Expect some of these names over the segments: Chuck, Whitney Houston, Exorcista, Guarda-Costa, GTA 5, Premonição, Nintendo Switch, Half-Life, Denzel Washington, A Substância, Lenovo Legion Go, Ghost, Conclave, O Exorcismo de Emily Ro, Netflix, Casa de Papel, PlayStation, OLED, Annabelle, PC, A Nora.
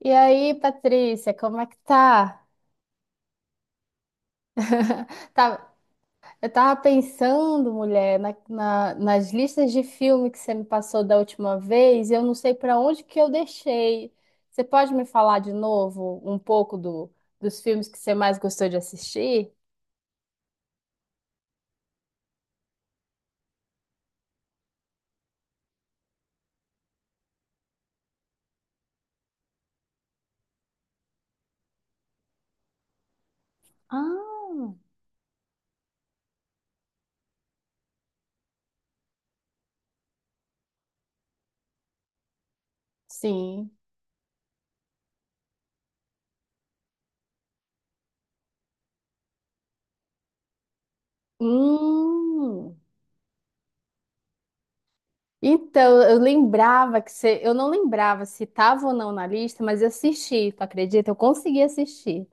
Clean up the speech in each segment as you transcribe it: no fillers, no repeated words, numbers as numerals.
E aí, Patrícia, como é que tá? Tá- Eu tava pensando, mulher, nas listas de filme que você me passou da última vez, e eu não sei para onde que eu deixei. Você pode me falar de novo um pouco dos filmes que você mais gostou de assistir? Ah, sim. Hum. Então, eu lembrava que você. Eu não lembrava se estava ou não na lista, mas eu assisti, tu acredita? Eu consegui assistir.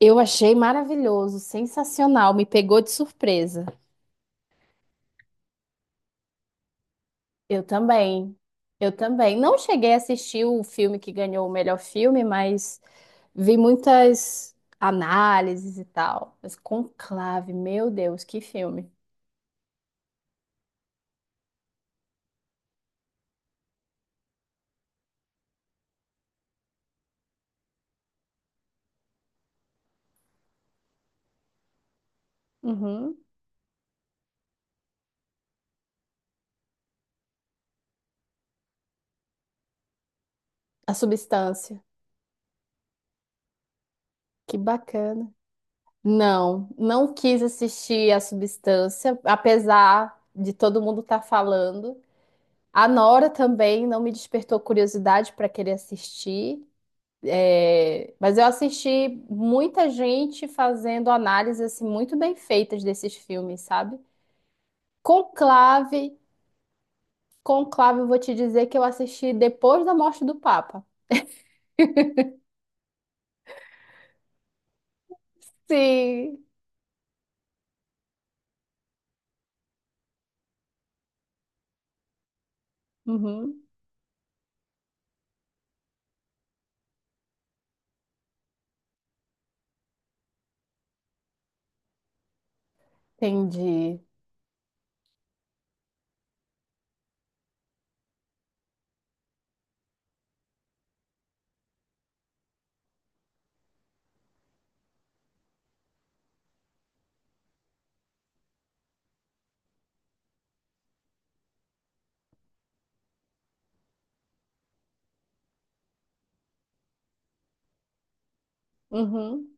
Eu achei maravilhoso, sensacional, me pegou de surpresa. Eu também, eu também. Não cheguei a assistir o filme que ganhou o melhor filme, mas vi muitas análises e tal. Mas Conclave, meu Deus, que filme. Uhum. A Substância, que bacana. Não, não quis assistir A Substância, apesar de todo mundo estar falando. A Nora também não me despertou curiosidade para querer assistir. É, mas eu assisti muita gente fazendo análises assim, muito bem feitas desses filmes, sabe? Conclave, Conclave, eu vou te dizer que eu assisti depois da morte do Papa. Sim. Uhum, entendi. Uhum.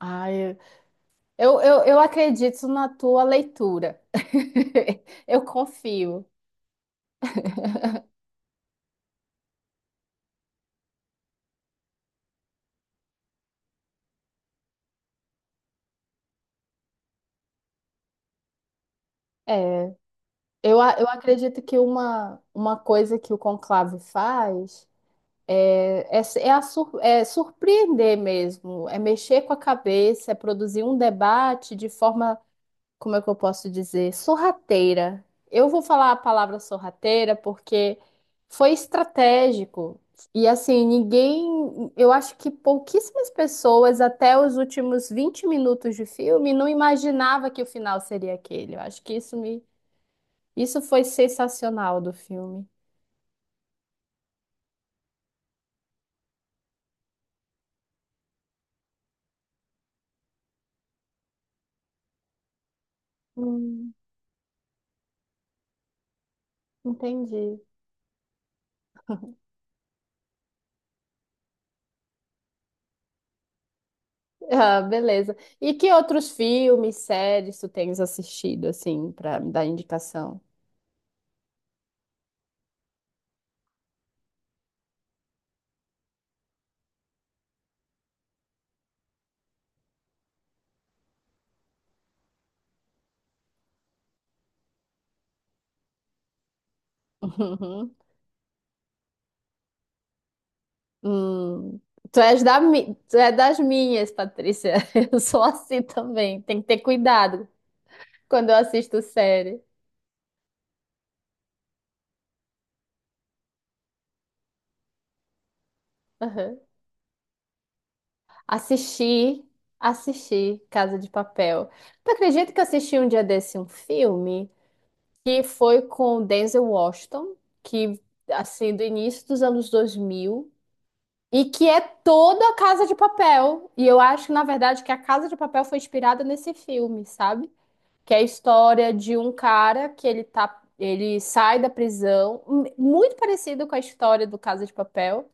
Ai, eu acredito na tua leitura. Eu confio. É, eu, eu acredito que uma coisa que o Conclave faz. É, é é surpreender mesmo, é mexer com a cabeça, é produzir um debate de forma, como é que eu posso dizer, sorrateira. Eu vou falar a palavra sorrateira porque foi estratégico. E assim, ninguém, eu acho que pouquíssimas pessoas até os últimos 20 minutos de filme não imaginava que o final seria aquele. Eu acho que isso foi sensacional do filme. Hum, entendi. Ah, beleza. E que outros filmes, séries tu tens assistido, assim, pra me dar indicação? Uhum. Hum. Tu és da mi... Tu é das minhas, Patrícia. Eu sou assim também. Tem que ter cuidado quando eu assisto série. Uhum. Assisti, assisti Casa de Papel. Tu acredita que eu assisti um dia desse um filme que foi com o Denzel Washington, que, assim, do início dos anos 2000. E que é toda a Casa de Papel. E eu acho, na verdade, que a Casa de Papel foi inspirada nesse filme, sabe? Que é a história de um cara que ele tá, ele sai da prisão, muito parecido com a história do Casa de Papel,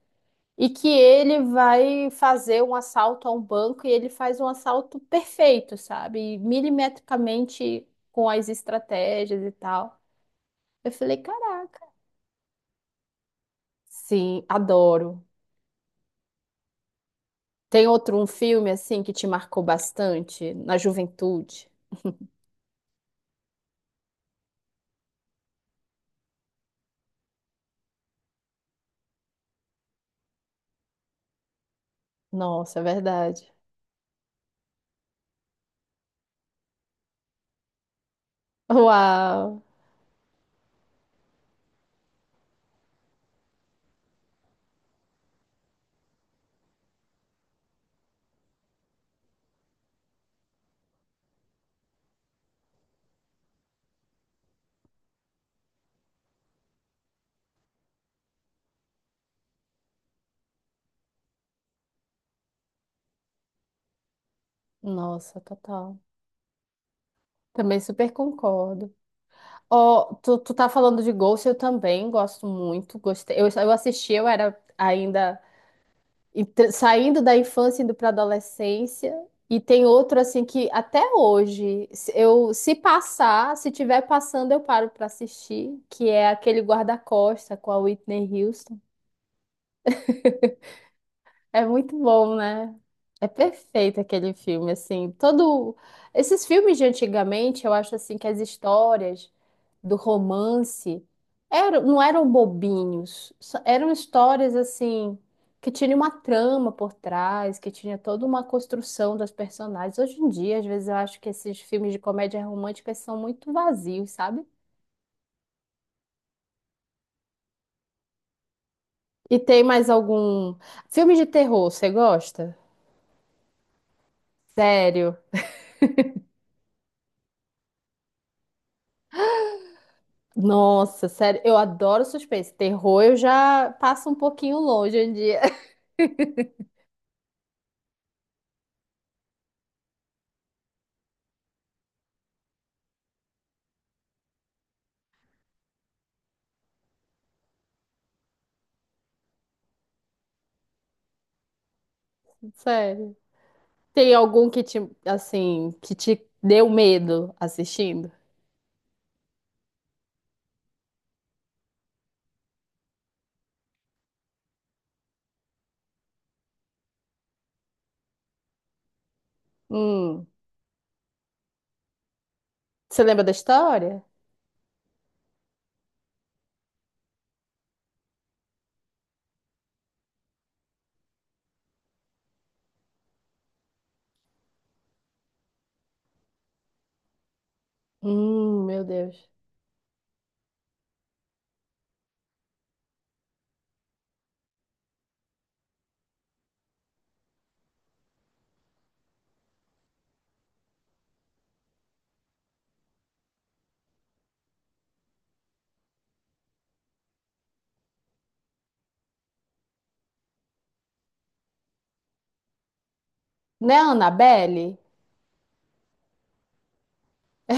e que ele vai fazer um assalto a um banco e ele faz um assalto perfeito, sabe? E milimetricamente com as estratégias e tal. Eu falei, caraca. Sim, adoro. Tem outro um filme assim que te marcou bastante na juventude? Nossa, é verdade. Uau! Nossa, total. Também super concordo. Ó, tu tá falando de Ghost, eu também gosto muito. Gostei. Eu assisti, eu era ainda saindo da infância, indo pra adolescência. E tem outro assim que até hoje, se eu se passar, se tiver passando, eu paro pra assistir, que é aquele Guarda-Costa com a Whitney Houston. É muito bom, né? É perfeito aquele filme, assim, todo... Esses filmes de antigamente, eu acho, assim, que as histórias do romance eram, não eram bobinhos, eram histórias, assim, que tinha uma trama por trás, que tinha toda uma construção das personagens. Hoje em dia, às vezes, eu acho que esses filmes de comédia romântica são muito vazios, sabe? E tem mais algum... Filme de terror, você gosta? Sério? Nossa, sério, eu adoro suspense. Terror eu já passo um pouquinho longe hoje em dia. Sério. Tem algum que te, assim, que te deu medo assistindo? Hum. Você lembra da história? Meu Deus. Né, Annabelle?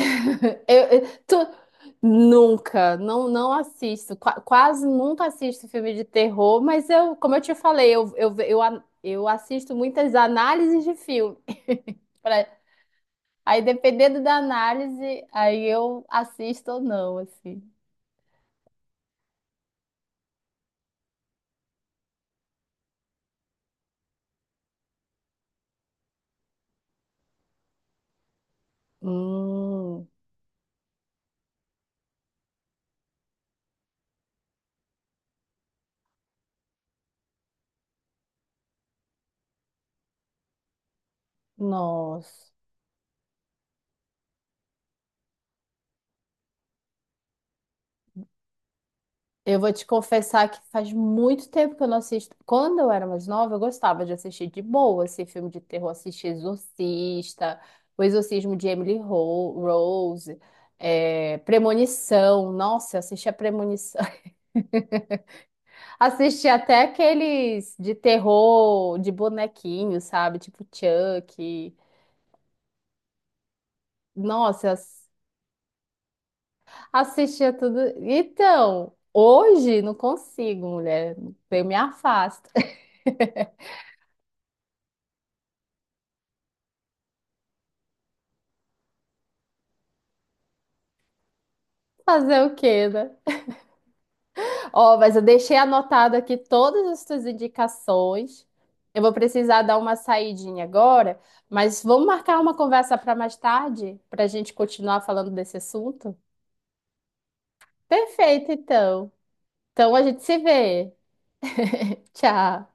Eu, eu- tu- Nunca, não assisto, quase nunca assisto filme de terror, mas eu, como eu te falei, eu assisto muitas análises de filme. Aí, dependendo da análise, aí eu assisto ou não, assim. Hum, nossa. Eu vou te confessar que faz muito tempo que eu não assisto. Quando eu era mais nova, eu gostava de assistir de boa, assim, filme de terror, assistir Exorcista, O Exorcismo de Emily Rose, é, Premonição. Nossa, eu assisti a Premonição. Assisti até aqueles de terror, de bonequinho, sabe? Tipo Chuck. Nossa, assistia tudo. Então, hoje não consigo, mulher. Eu me afasto. Fazer o quê, né? Ó, mas eu deixei anotado aqui todas as suas indicações. Eu vou precisar dar uma saidinha agora, mas vamos marcar uma conversa para mais tarde, para a gente continuar falando desse assunto? Perfeito, então. Então a gente se vê. Tchau.